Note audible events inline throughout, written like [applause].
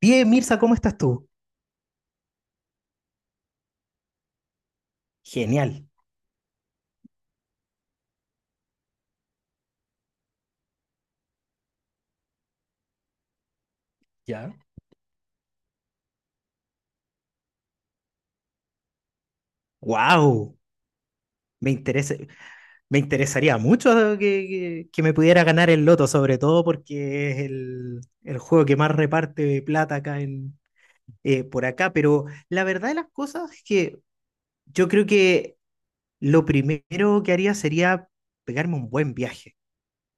Bien, Mirza, ¿cómo estás tú? Genial. ¿Ya? ¡Wow! Me interesa, me interesaría mucho que, que me pudiera ganar el loto, sobre todo porque es el juego que más reparte plata acá por acá. Pero la verdad de las cosas es que yo creo que lo primero que haría sería pegarme un buen viaje.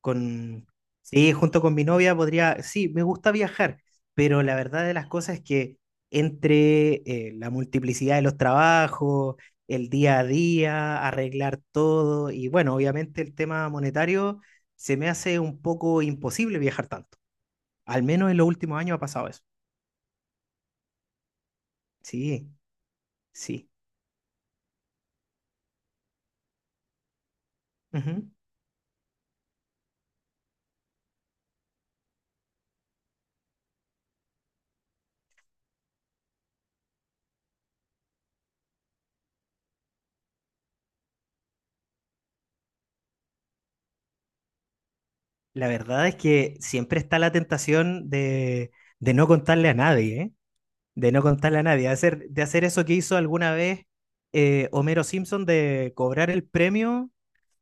Con, sí, junto con mi novia podría, sí, me gusta viajar, pero la verdad de las cosas es que entre la multiplicidad de los trabajos, el día a día, arreglar todo, y bueno, obviamente el tema monetario, se me hace un poco imposible viajar tanto. Al menos en los últimos años ha pasado eso. Sí, sí. Ujú. La verdad es que siempre está la tentación de no contarle a nadie, ¿eh? De no contarle a nadie, de hacer eso que hizo alguna vez Homero Simpson, de cobrar el premio,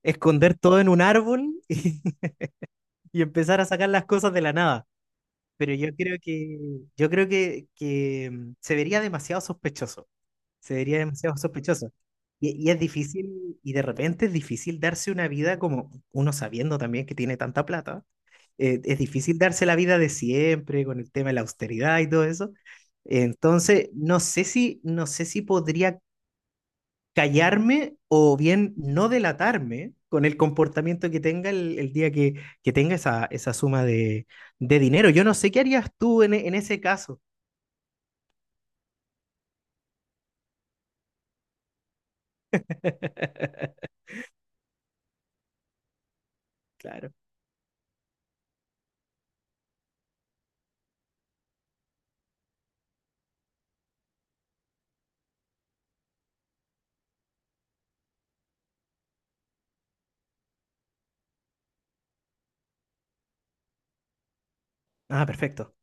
esconder todo en un árbol [laughs] y empezar a sacar las cosas de la nada. Pero yo creo que se vería demasiado sospechoso. Se vería demasiado sospechoso. Y es difícil, y de repente es difícil darse una vida como uno sabiendo también que tiene tanta plata, es difícil darse la vida de siempre con el tema de la austeridad y todo eso. Entonces, no sé si podría callarme o bien no delatarme con el comportamiento que tenga el día que tenga esa suma de dinero. Yo no sé qué harías tú en ese caso. [laughs] Claro. Ah, perfecto.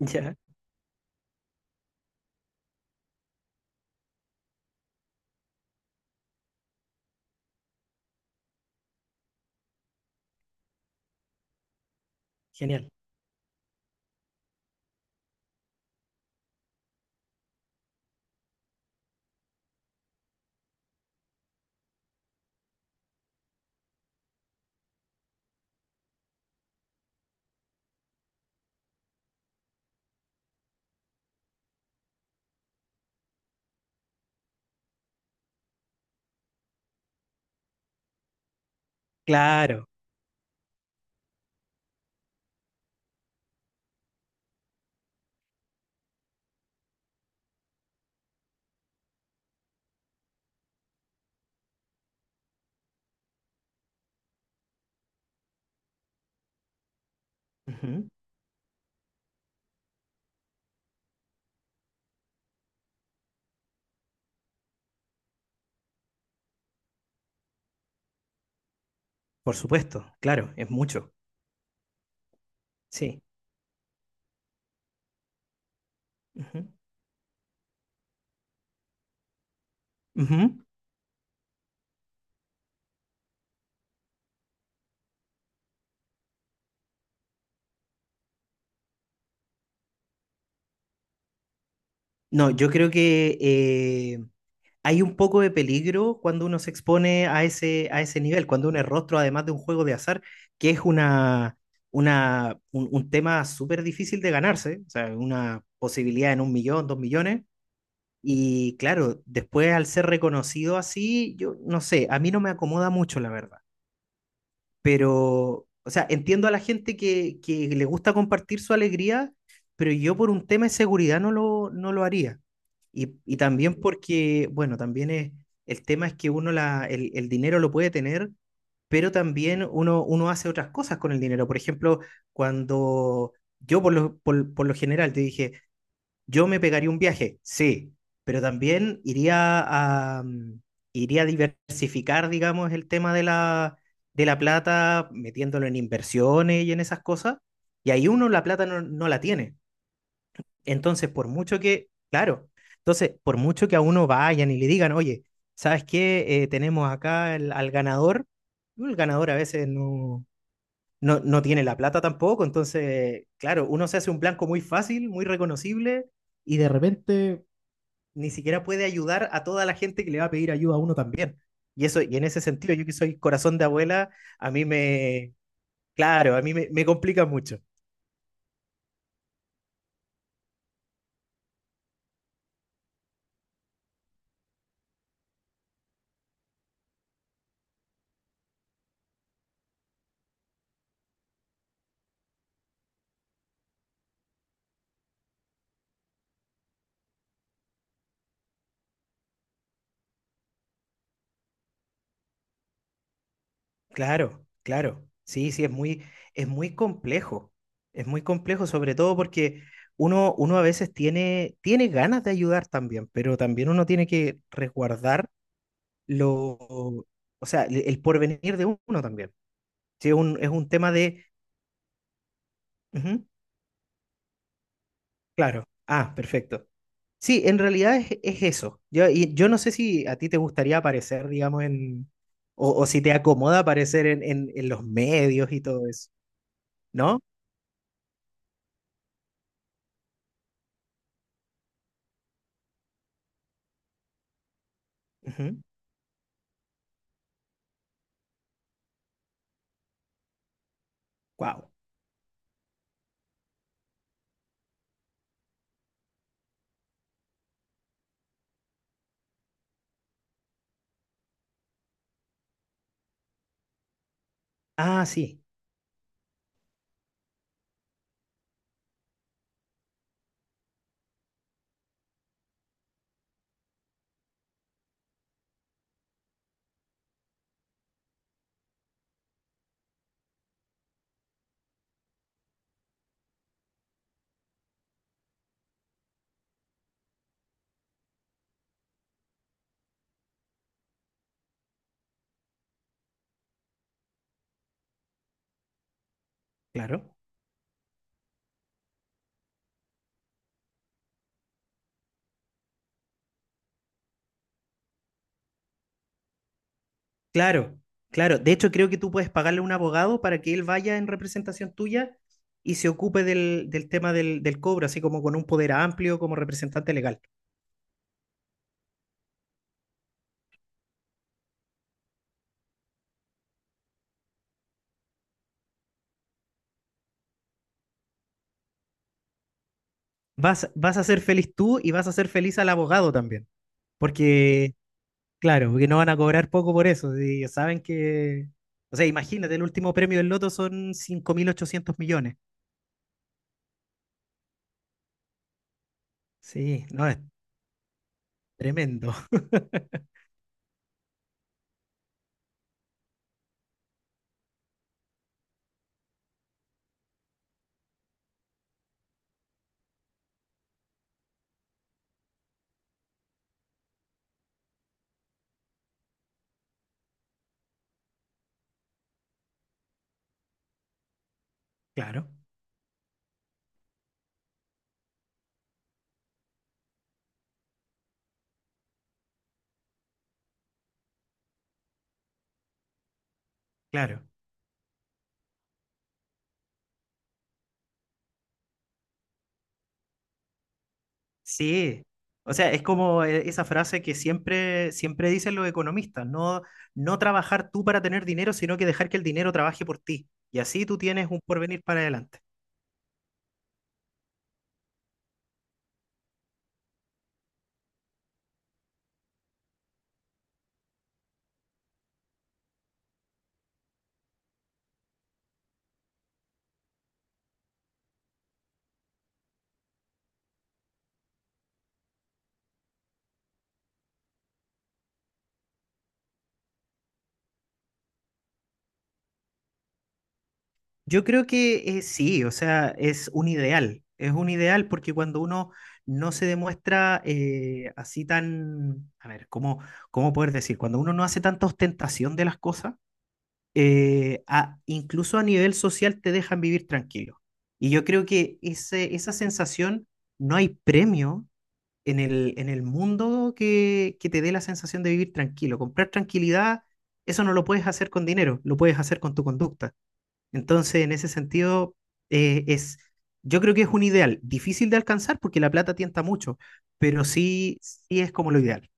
Ya, genial. Claro. Ujú. Por supuesto, claro, es mucho. Sí. Ujú. Ujú. No, yo creo que hay un poco de peligro cuando uno se expone a ese nivel, cuando uno es rostro, además de un juego de azar, que es un tema súper difícil de ganarse, o sea, una posibilidad en 1 millón, 2 millones. Y claro, después al ser reconocido así, yo no sé, a mí no me acomoda mucho, la verdad, pero, o sea, entiendo a la gente que le gusta compartir su alegría, pero yo por un tema de seguridad no lo haría. Y también porque, bueno, también es, el tema es que uno el dinero lo puede tener, pero también uno hace otras cosas con el dinero. Por ejemplo, cuando yo por lo general te dije, yo me pegaría un viaje, sí, pero también a, mm, iría a diversificar, digamos, el tema de la plata, metiéndolo en inversiones y en esas cosas. Y ahí uno la plata no la tiene. Entonces, por mucho que a uno vayan y le digan, oye, ¿sabes qué? Tenemos acá al ganador. El ganador a veces no tiene la plata tampoco. Entonces, claro, uno se hace un blanco muy fácil, muy reconocible, y de repente ni siquiera puede ayudar a toda la gente que le va a pedir ayuda a uno también. Y eso, y en ese sentido, yo que soy corazón de abuela, a mí me, claro, a mí me complica mucho. Claro, claro. Sí, sí, es muy complejo. Es muy complejo, sobre todo porque uno a veces tiene ganas de ayudar también, pero también uno tiene que resguardar lo, o sea, el porvenir de uno también. Sí, es un tema de, ujú, claro, ah, perfecto. Sí, en realidad es eso. Y yo no sé si a ti te gustaría aparecer, digamos, o, si te acomoda aparecer en los medios y todo eso, ¿no? Wow. Ah, sí, claro. Claro, claro. De hecho, creo que tú puedes pagarle a un abogado para que él vaya en representación tuya y se ocupe del tema del cobro, así como con un poder amplio como representante legal. Vas, vas a ser feliz tú y vas a ser feliz al abogado también, porque claro, porque no van a cobrar poco por eso. Si ellos saben que. O sea, imagínate, el último premio del Loto son 5.800 millones. Sí, no, es tremendo. [laughs] Claro, claro. Sí. O sea, es como esa frase que siempre, siempre dicen los economistas: no, no trabajar tú para tener dinero, sino que dejar que el dinero trabaje por ti. Y así tú tienes un porvenir para adelante. Yo creo que sí, o sea, es un ideal porque cuando uno no se demuestra así tan, a ver, ¿cómo poder decir? Cuando uno no hace tanta ostentación de las cosas, incluso a nivel social te dejan vivir tranquilo. Y yo creo que esa sensación, no hay premio en el mundo que te dé la sensación de vivir tranquilo. Comprar tranquilidad, eso no lo puedes hacer con dinero, lo puedes hacer con tu conducta. Entonces, en ese sentido, es, yo creo que es un ideal difícil de alcanzar porque la plata tienta mucho, pero sí, sí es como lo ideal.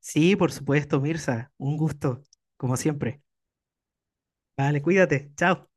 Sí, por supuesto, Mirza, un gusto, como siempre. Vale, cuídate, chao.